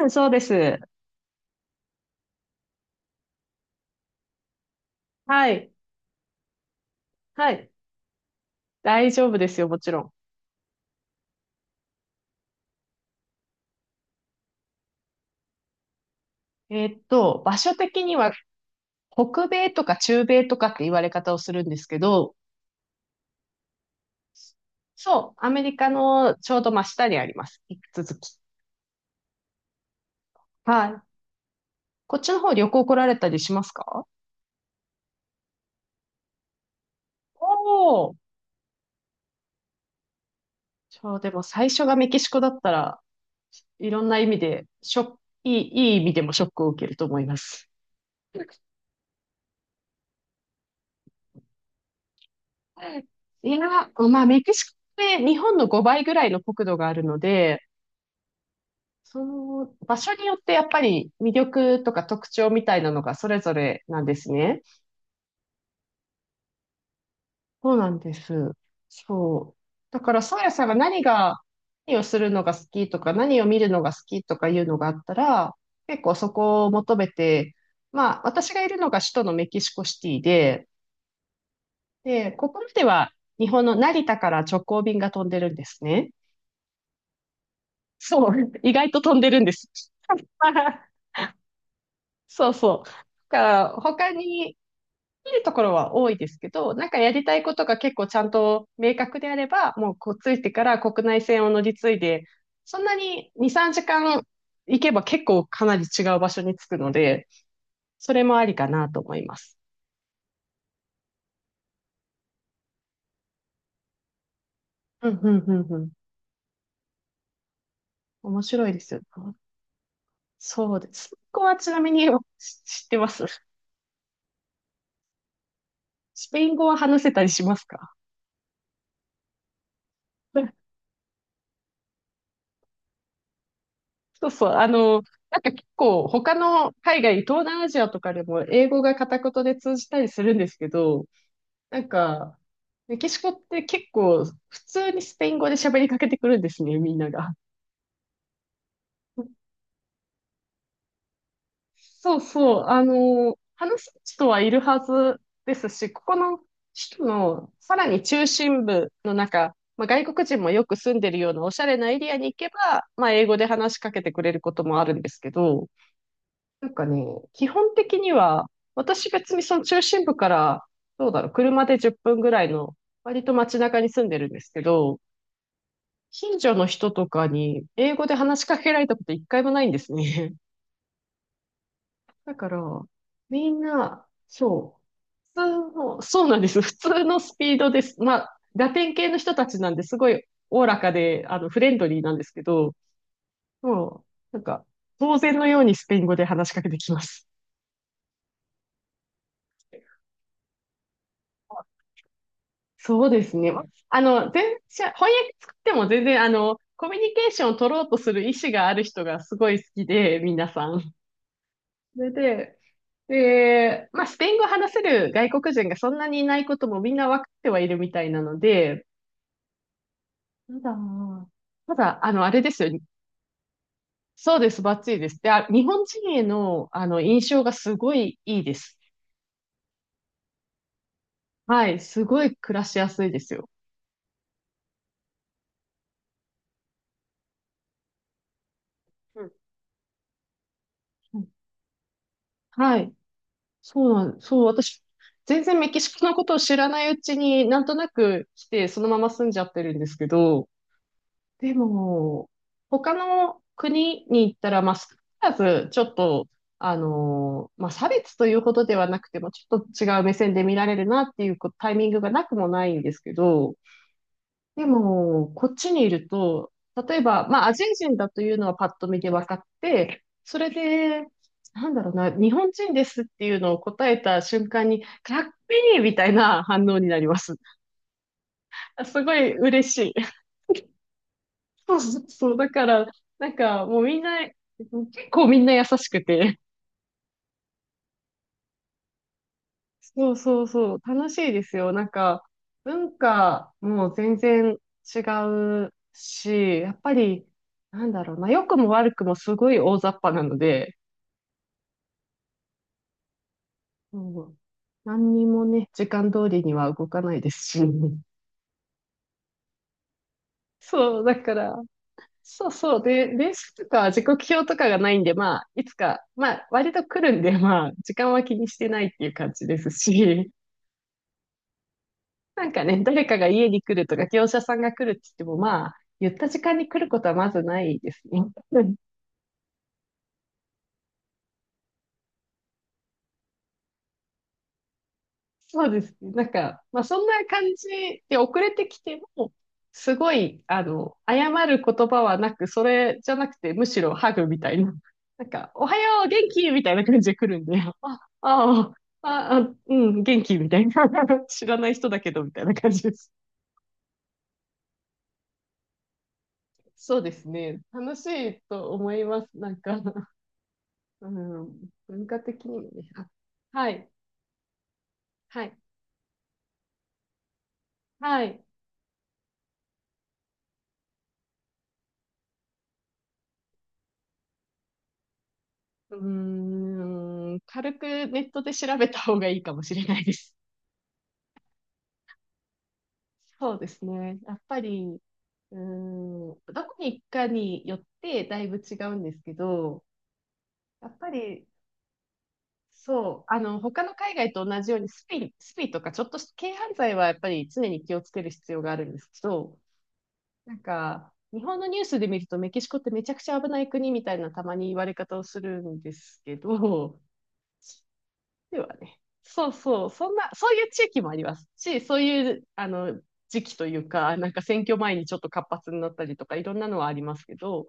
うん、そうです。はい。はい。大丈夫ですよ、もちろん。場所的には北米とか中米とかって言われ方をするんですけど、そう、アメリカのちょうど真下にあります。引き続き。はい。こっちの方旅行来られたりしますか？おおー。そう、でも最初がメキシコだったら、いろんな意味で、ショック、いい意味でもショックを受けると思います。いや、まあ、メキシコって日本の5倍ぐらいの国土があるので、その場所によってやっぱり魅力とか特徴みたいなのがそれぞれなんですね。そうなんです。そう。だから、そうやさんが何が、何をするのが好きとか、何を見るのが好きとかいうのがあったら、結構そこを求めて、まあ、私がいるのが首都のメキシコシティで、で、ここまでは日本の成田から直行便が飛んでるんですね。そう、意外と飛んでるんです。そうそう。だから、他に、きるところは多いですけど、なんかやりたいことが結構ちゃんと明確であれば、もうこうついてから国内線を乗り継いで、そんなに2、3時間行けば結構かなり違う場所に着くので、それもありかなと思います。うん、うん、うん、うん。面白いですよね。そうです。スペイン語はちなみに 知ってます？スペイン語は話せたりしますか？ そうそう。なんか結構他の海外、東南アジアとかでも英語が片言で通じたりするんですけど、なんか、メキシコって結構普通にスペイン語で喋りかけてくるんですね、みんなが。そうそう、話す人はいるはずですし、ここの人のさらに中心部の中、まあ、外国人もよく住んでるようなおしゃれなエリアに行けば、まあ、英語で話しかけてくれることもあるんですけど、なんかね、基本的には、私別にその中心部から、どうだろう、車で10分ぐらいの、割と街中に住んでるんですけど、近所の人とかに英語で話しかけられたこと一回もないんですね。だから、みんな、そう、普通の、そうなんです。普通のスピードです。まあ、ラテン系の人たちなんですごいおおらかで、フレンドリーなんですけど、もなんか、当然のようにスペイン語で話しかけてきます。そうですね。全然、翻訳作っても全然、コミュニケーションを取ろうとする意思がある人がすごい好きで、皆さん。それで、で、まあ、スペイン語を話せる外国人がそんなにいないこともみんな分かってはいるみたいなので、そだ。ただ、あれですよ。そうです、バッチリです。で、あ、日本人への、印象がすごいいいです。はい、すごい暮らしやすいですよ。うんうん、はい、そうなん、そう、私、全然メキシコのことを知らないうちになんとなく来て、そのまま住んじゃってるんですけど、でも、他の国に行ったら、まあ、少なからず、ちょっと、まあ、差別というほどではなくても、ちょっと違う目線で見られるなっていうこタイミングがなくもないんですけど、でも、こっちにいると、例えば、まあ、アジア人だというのはパッと見で分かって、それで、なんだろうな、日本人ですっていうのを答えた瞬間に、かっこいいみたいな反応になります。すごい嬉しい。そうそうそう。だから、なんかもうみんな、結構みんな優しくて。そうそうそう。楽しいですよ。なんか、文化も全然違うし、やっぱり、なんだろうな、良くも悪くもすごい大雑把なので、うん、何にもね、時間通りには動かないですし。そう、だから、そうそう。で、レースとか時刻表とかがないんで、まあ、いつか、まあ、割と来るんで、まあ、時間は気にしてないっていう感じですし。なんかね、誰かが家に来るとか、業者さんが来るって言っても、まあ、言った時間に来ることはまずないですね。うん、そうですね。なんか、まあ、そんな感じで遅れてきても、すごい、謝る言葉はなく、それじゃなくて、むしろハグみたいな。なんか、おはよう、元気みたいな感じで来るんで、あうん、元気みたいな。知らない人だけど、みたいな感じです。そうですね。楽しいと思います。なんか、うん、文化的にもね、あ、はい、はい、はい。うーん、軽くネットで調べた方がいいかもしれないです。そうですね。やっぱり、うーん、どこに行くかによってだいぶ違うんですけど、やっぱり、そう、他の海外と同じようにスピ、スピとかちょっとした軽犯罪はやっぱり常に気をつける必要があるんですけど、なんか、日本のニュースで見ると、メキシコってめちゃくちゃ危ない国みたいなたまに言われ方をするんですけど、ではね、そうそう、そんな、そういう地域もありますし、そういう、時期というか、なんか選挙前にちょっと活発になったりとか、いろんなのはありますけど、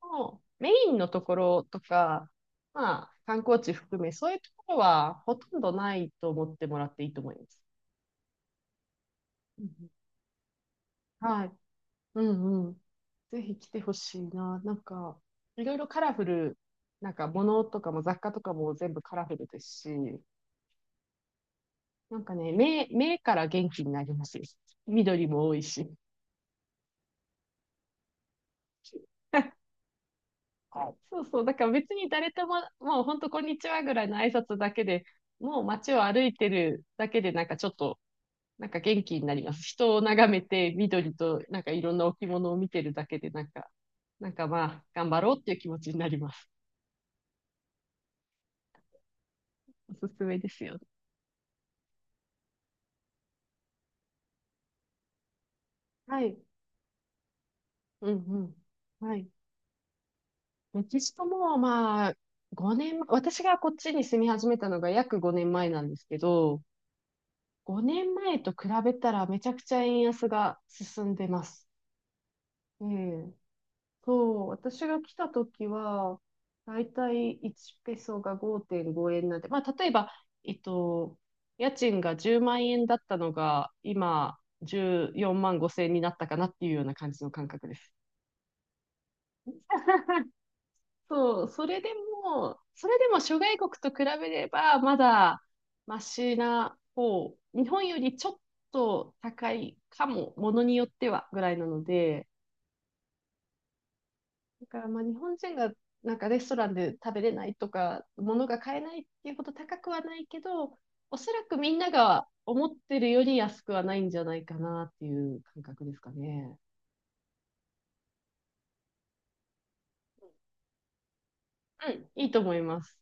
もうメインのところとか、まあ、観光地含め、そういうところはほとんどないと思ってもらっていいと思います。うんうん、はい。うんうん。ぜひ来てほしいな。なんか、いろいろカラフル、なんか物とかも雑貨とかも全部カラフルですし、なんかね、目から元気になりますよ。緑も多いし。はい、そうそう、だから別に誰とも、もう本当こんにちはぐらいの挨拶だけで、もう街を歩いてるだけでなんかちょっと、なんか元気になります。人を眺めて、緑となんかいろんな置物を見てるだけで、なんか、なんかまあ、頑張ろうっていう気持ちになります。おすすめですよ。はい。うんうん。はい。メキシコも、まあ、5年、私がこっちに住み始めたのが約5年前なんですけど、5年前と比べたらめちゃくちゃ円安が進んでます。ええ。そう、私が来た時は、だいたい1ペソが5.5円なんで、まあ、例えば、えっと、家賃が10万円だったのが、今、14万5千円になったかなっていうような感じの感覚です。そう、それでも諸外国と比べれば、まだマシな方、日本よりちょっと高いかも、ものによってはぐらいなので、だからまあ日本人がなんかレストランで食べれないとか、物が買えないっていうほど高くはないけど、おそらくみんなが思ってるより安くはないんじゃないかなっていう感覚ですかね。うん、いいと思います。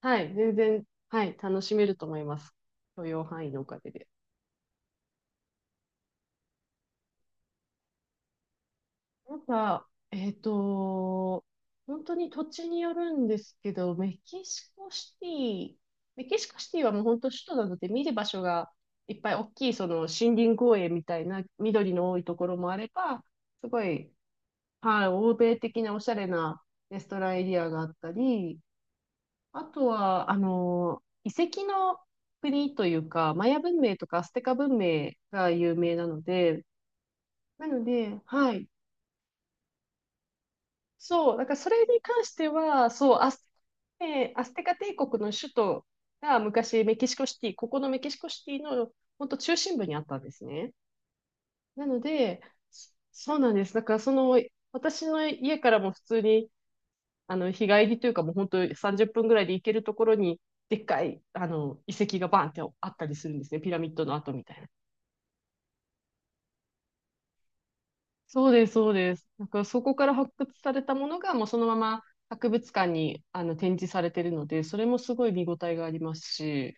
はい、全然、はい、楽しめると思います。許容範囲のおかげで。なんか、本当に土地によるんですけど、メキシコシティはもう本当首都なので見る場所がいっぱい大きいその森林公園みたいな緑の多いところもあれば、すごい、はい、欧米的なおしゃれなレストランエリアがあったり、あとは、遺跡の国というか、マヤ文明とかアステカ文明が有名なので、なので、はい。そう、だからそれに関しては、そう、ねえーアステカ帝国の首都が昔メキシコシティ、ここのメキシコシティの本当中心部にあったんですね。なので、そうなんです。だからその、私の家からも普通に、日帰りというかもう本当30分ぐらいで行けるところに、でっかい、遺跡がバーンってあったりするんですね。ピラミッドの跡みたいな。そうです、そうです。なんかそこから発掘されたものがもうそのまま博物館にあの展示されてるので、それもすごい見応えがありますし、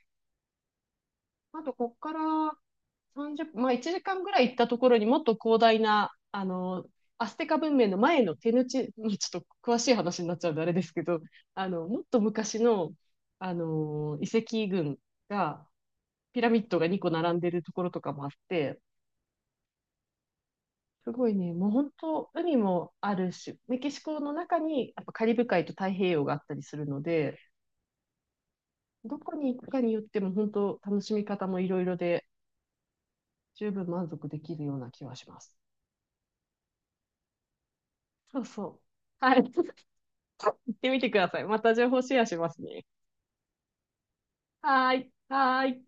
あとこっから30まあ1時間ぐらい行ったところにもっと広大な、アステカ文明の前の手抜ちもうちょっと詳しい話になっちゃうんであれですけど、もっと昔の、遺跡群が、ピラミッドが2個並んでるところとかもあって、すごいね、もう本当、海もあるし、メキシコの中にやっぱカリブ海と太平洋があったりするので、どこに行くかによっても本当、楽しみ方もいろいろで、十分満足できるような気はします。そうそう。はい。行ってみてください。また情報シェアしますね。はーい。はーい。